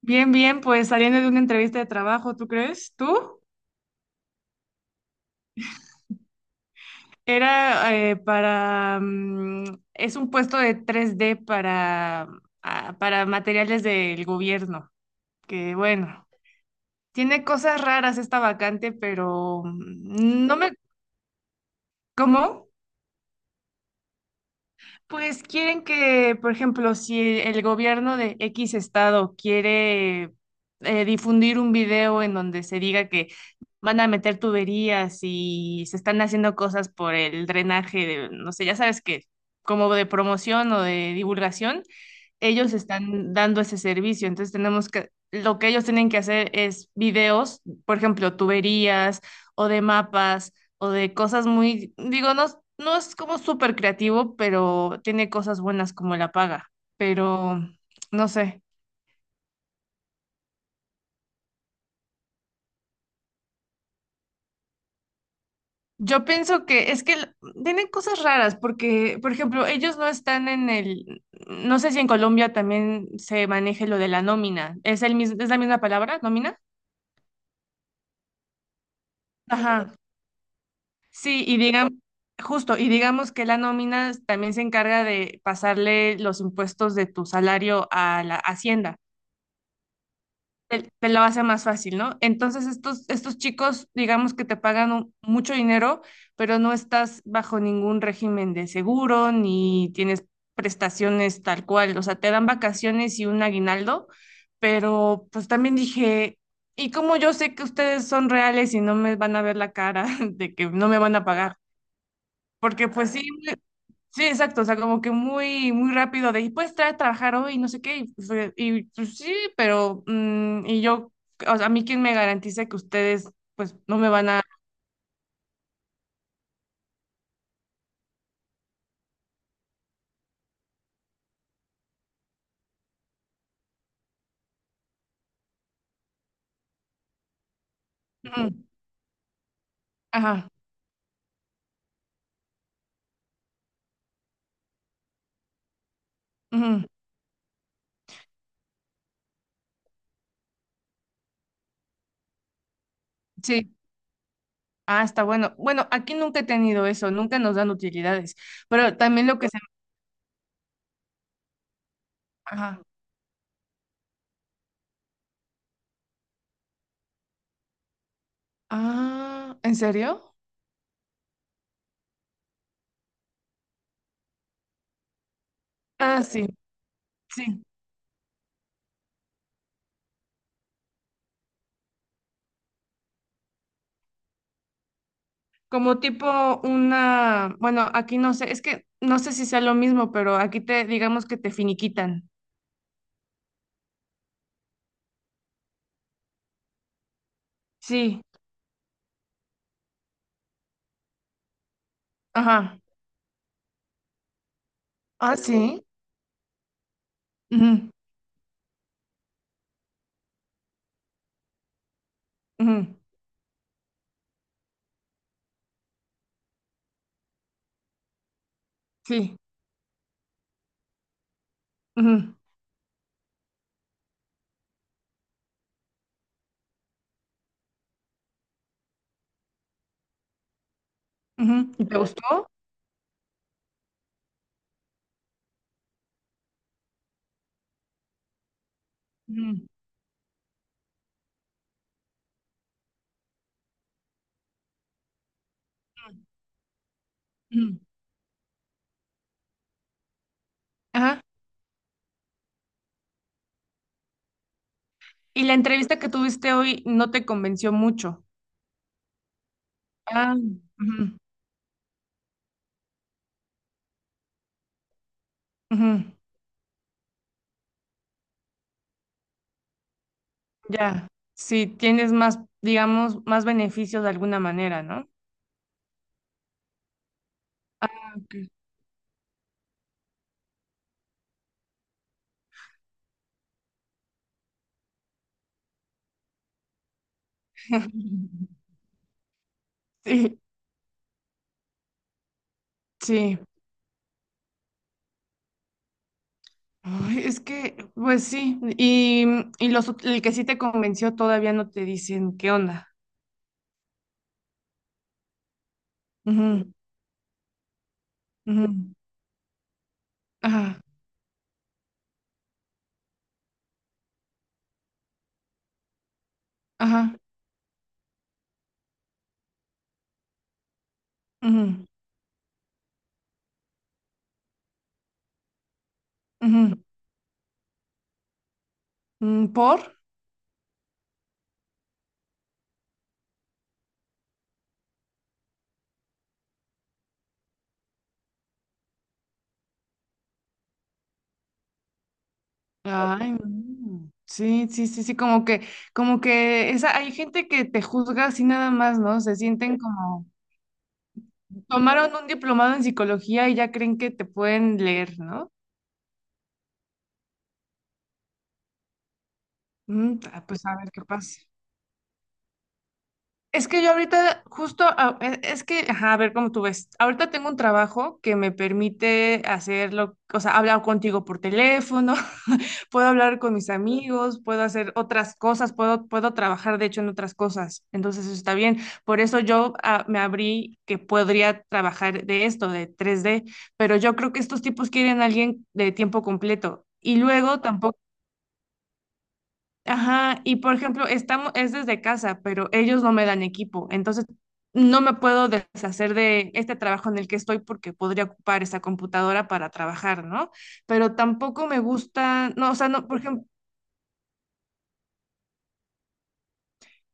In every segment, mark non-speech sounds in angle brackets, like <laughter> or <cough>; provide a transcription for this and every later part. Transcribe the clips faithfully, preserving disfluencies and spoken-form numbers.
Bien, bien, pues saliendo de una entrevista de trabajo, ¿tú crees? ¿Tú? Era eh, para... mm, es un puesto de tres d para, ah, para materiales del gobierno, que bueno, tiene cosas raras esta vacante, pero mm, no me... ¿Cómo? Pues quieren que, por ejemplo, si el gobierno de X estado quiere eh, difundir un video en donde se diga que van a meter tuberías y se están haciendo cosas por el drenaje, de- no sé, ya sabes que como de promoción o de divulgación, ellos están dando ese servicio, entonces tenemos que, lo que ellos tienen que hacer es videos, por ejemplo, tuberías o de mapas o de cosas muy, digo, no, no es como súper creativo, pero tiene cosas buenas como la paga, pero no sé. Yo pienso que es que l- tienen cosas raras porque, por ejemplo, ellos no están en el, no sé si en Colombia también se maneje lo de la nómina. ¿Es el mis- es la misma palabra, nómina? Ajá. Sí, y digamos, justo, y digamos que la nómina también se encarga de pasarle los impuestos de tu salario a la hacienda. Te, te lo hace más fácil, ¿no? Entonces, estos, estos chicos, digamos que te pagan un- mucho dinero, pero no estás bajo ningún régimen de seguro, ni tienes prestaciones tal cual. O sea, te dan vacaciones y un aguinaldo, pero pues también dije, ¿y cómo yo sé que ustedes son reales y no me van a ver la cara <laughs> de que no me van a pagar? Porque pues sí, muy- sí, exacto, o sea, como que muy, muy rápido de, y pues trae trabajar hoy, no sé qué, y, fue- y, pues sí, pero, mm, y yo, o sea, a mí quién me garantiza que ustedes, pues, no me van a... Ujú, ajá, ujú, sí, ah, está bueno. Bueno, aquí nunca he tenido eso, nunca nos dan utilidades, pero también lo que se... Ajá, ah, ¿en serio? Ah, sí, sí. Como tipo una, bueno, aquí no sé, es que no sé si sea lo mismo, pero aquí te digamos que te finiquitan. Sí, ajá. Ah, sí. Ujú, ujú, sí. Ujú, ujú. ¿Y te eh, gustó? Ujú, ujú, ajá. Y la entrevista que tuviste hoy no te convenció mucho. Ah, ujú, ujú, ya. Sí, tienes más, digamos, más beneficios de alguna manera, ¿no? Ok. <laughs> Sí, sí. Ay, es que, pues sí. Y, y los, ot- el que sí te convenció todavía no te dicen qué onda. Ujú, ujú, ajá, ajá. Ujú, ujú, mm, ¿por? Ay, no. Sí, sí, sí, sí, como que, como que, esa, hay gente que te juzga así nada más, ¿no? Se sienten como, tomaron un diplomado en psicología y ya creen que te pueden leer, ¿no? Mm, ah, pues a ver qué pasa. Es que yo ahorita justo, a- e- es que, ajá, a ver cómo tú ves. Ahorita tengo un trabajo que me permite hacerlo, o sea, hablar contigo por teléfono, <laughs> puedo hablar con mis amigos, puedo hacer otras cosas, puedo, puedo trabajar, de hecho, en otras cosas. Entonces, eso está bien. Por eso yo ah, me abrí que podría trabajar de esto, de tres d, pero yo creo que estos tipos quieren a alguien de tiempo completo. Y luego tampoco. Ajá. Y por ejemplo, estamos, es desde casa, pero ellos no me dan equipo, entonces no me puedo deshacer de este trabajo en el que estoy porque podría ocupar esa computadora para trabajar, ¿no? Pero tampoco me gusta, no, o sea, no, por ejemplo,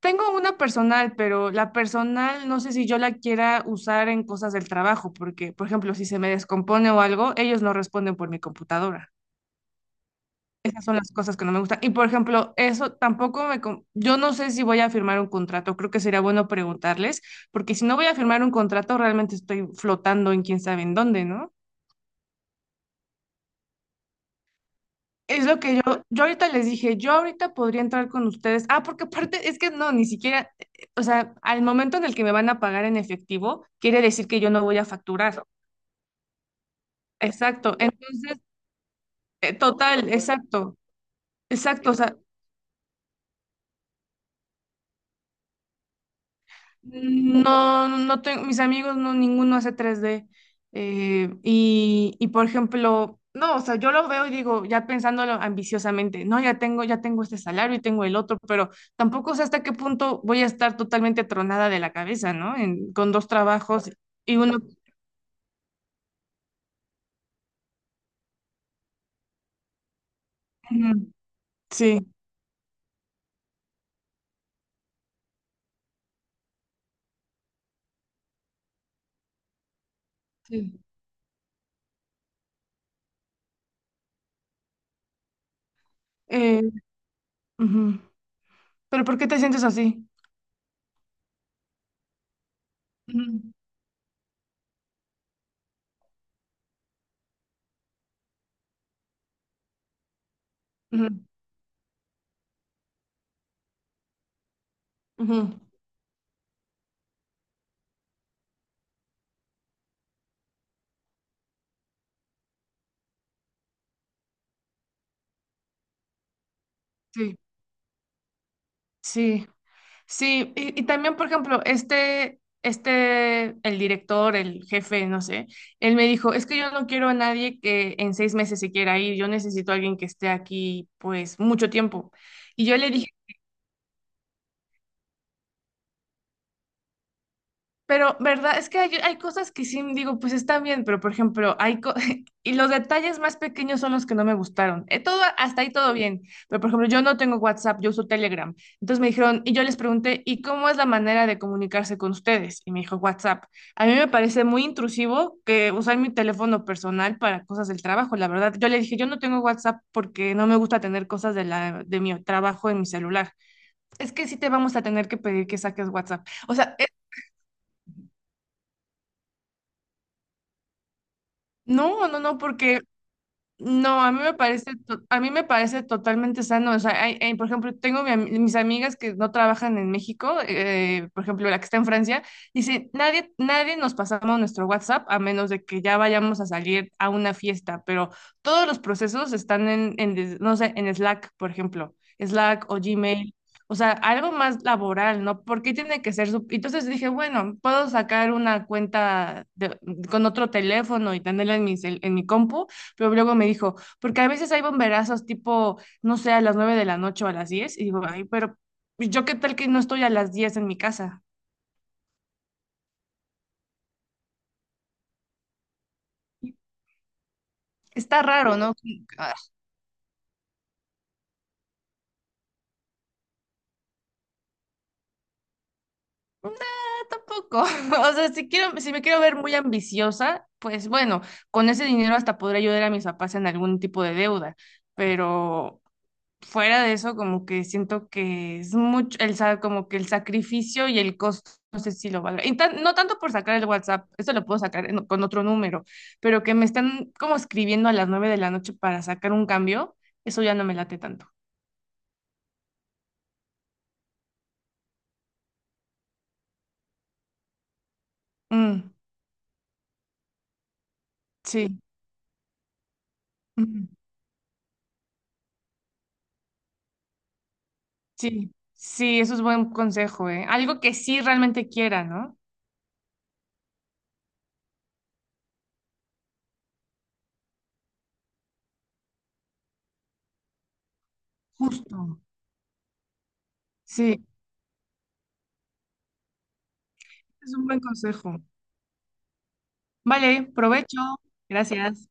tengo una personal, pero la personal no sé si yo la quiera usar en cosas del trabajo, porque, por ejemplo, si se me descompone o algo, ellos no responden por mi computadora. Esas son las cosas que no me gustan. Y por ejemplo, eso tampoco me... con- Yo no sé si voy a firmar un contrato, creo que sería bueno preguntarles, porque si no voy a firmar un contrato, realmente estoy flotando en quién sabe en dónde, ¿no? Es lo que yo, yo ahorita les dije, yo ahorita podría entrar con ustedes. Ah, porque aparte es que no, ni siquiera, eh, o sea, al momento en el que me van a pagar en efectivo, quiere decir que yo no voy a facturar. Exacto. Entonces, eh, total, exacto, exacto. O sea, no, no tengo, mis amigos no, ninguno hace tres d, eh, y, y por ejemplo, no, o sea, yo lo veo y digo, ya pensándolo ambiciosamente, no, ya tengo, ya tengo este salario y tengo el otro, pero tampoco sé hasta qué punto voy a estar totalmente tronada de la cabeza, ¿no? En- con dos trabajos y uno. Ujú, sí. Sí. Eh, ujú. Pero ¿por qué te sientes así? Ujú, ujú, ujú, sí, sí. Sí, y, y también, por ejemplo, este, este, el director, el jefe, no sé, él me dijo, es que yo no quiero a nadie que en seis meses se quiera ir, yo necesito a alguien que esté aquí, pues, mucho tiempo. Y yo le Pero, ¿verdad? Es que hay, hay cosas que sí digo, pues están bien, pero por ejemplo, hay co- <laughs> y los detalles más pequeños son los que no me gustaron. Eh, todo, hasta ahí todo bien. Pero por ejemplo, yo no tengo WhatsApp, yo uso Telegram. Entonces me dijeron, y yo les pregunté, ¿y cómo es la manera de comunicarse con ustedes? Y me dijo WhatsApp. A mí me parece muy intrusivo que usar mi teléfono personal para cosas del trabajo, la verdad. Yo le dije, yo no tengo WhatsApp porque no me gusta tener cosas de la, de mi trabajo en mi celular. Es que sí te vamos a tener que pedir que saques WhatsApp. O sea, no, no, no, porque no, a mí me parece, to- a mí me parece totalmente sano. O sea, hay- hay- por ejemplo, tengo mi am- mis amigas que no trabajan en México, eh, por ejemplo, la que está en Francia, dice, nadie, nadie nos pasamos nuestro WhatsApp a menos de que ya vayamos a salir a una fiesta, pero todos los procesos están en, en des- no sé, en Slack, por ejemplo, Slack o Gmail. O sea, algo más laboral, ¿no? ¿Por qué tiene que ser su... Entonces dije, bueno, puedo sacar una cuenta de- con otro teléfono y tenerla en mi, cel- en mi compu, pero luego me dijo, porque a veces hay bomberazos tipo, no sé, a las nueve de la noche o a las diez. Y digo, ay, pero yo qué tal que no estoy a las diez en mi casa. Está raro, ¿no? Ah, tampoco. <laughs> O sea, si quiero, si me quiero ver muy ambiciosa, pues bueno, con ese dinero hasta podré ayudar a mis papás en algún tipo de deuda. Pero fuera de eso, como que siento que es mucho, el, sa- como que el sacrificio y el costo, no sé si lo valga. Y tan- no tanto por sacar el WhatsApp, eso lo puedo sacar en- con otro número, pero que me están como escribiendo a las nueve de la noche para sacar un cambio, eso ya no me late tanto. Mm, sí, mm, sí, sí, eso es buen consejo, ¿eh? Algo que sí realmente quiera, ¿no? Justo, sí, es un buen consejo. Vale, provecho. Gracias.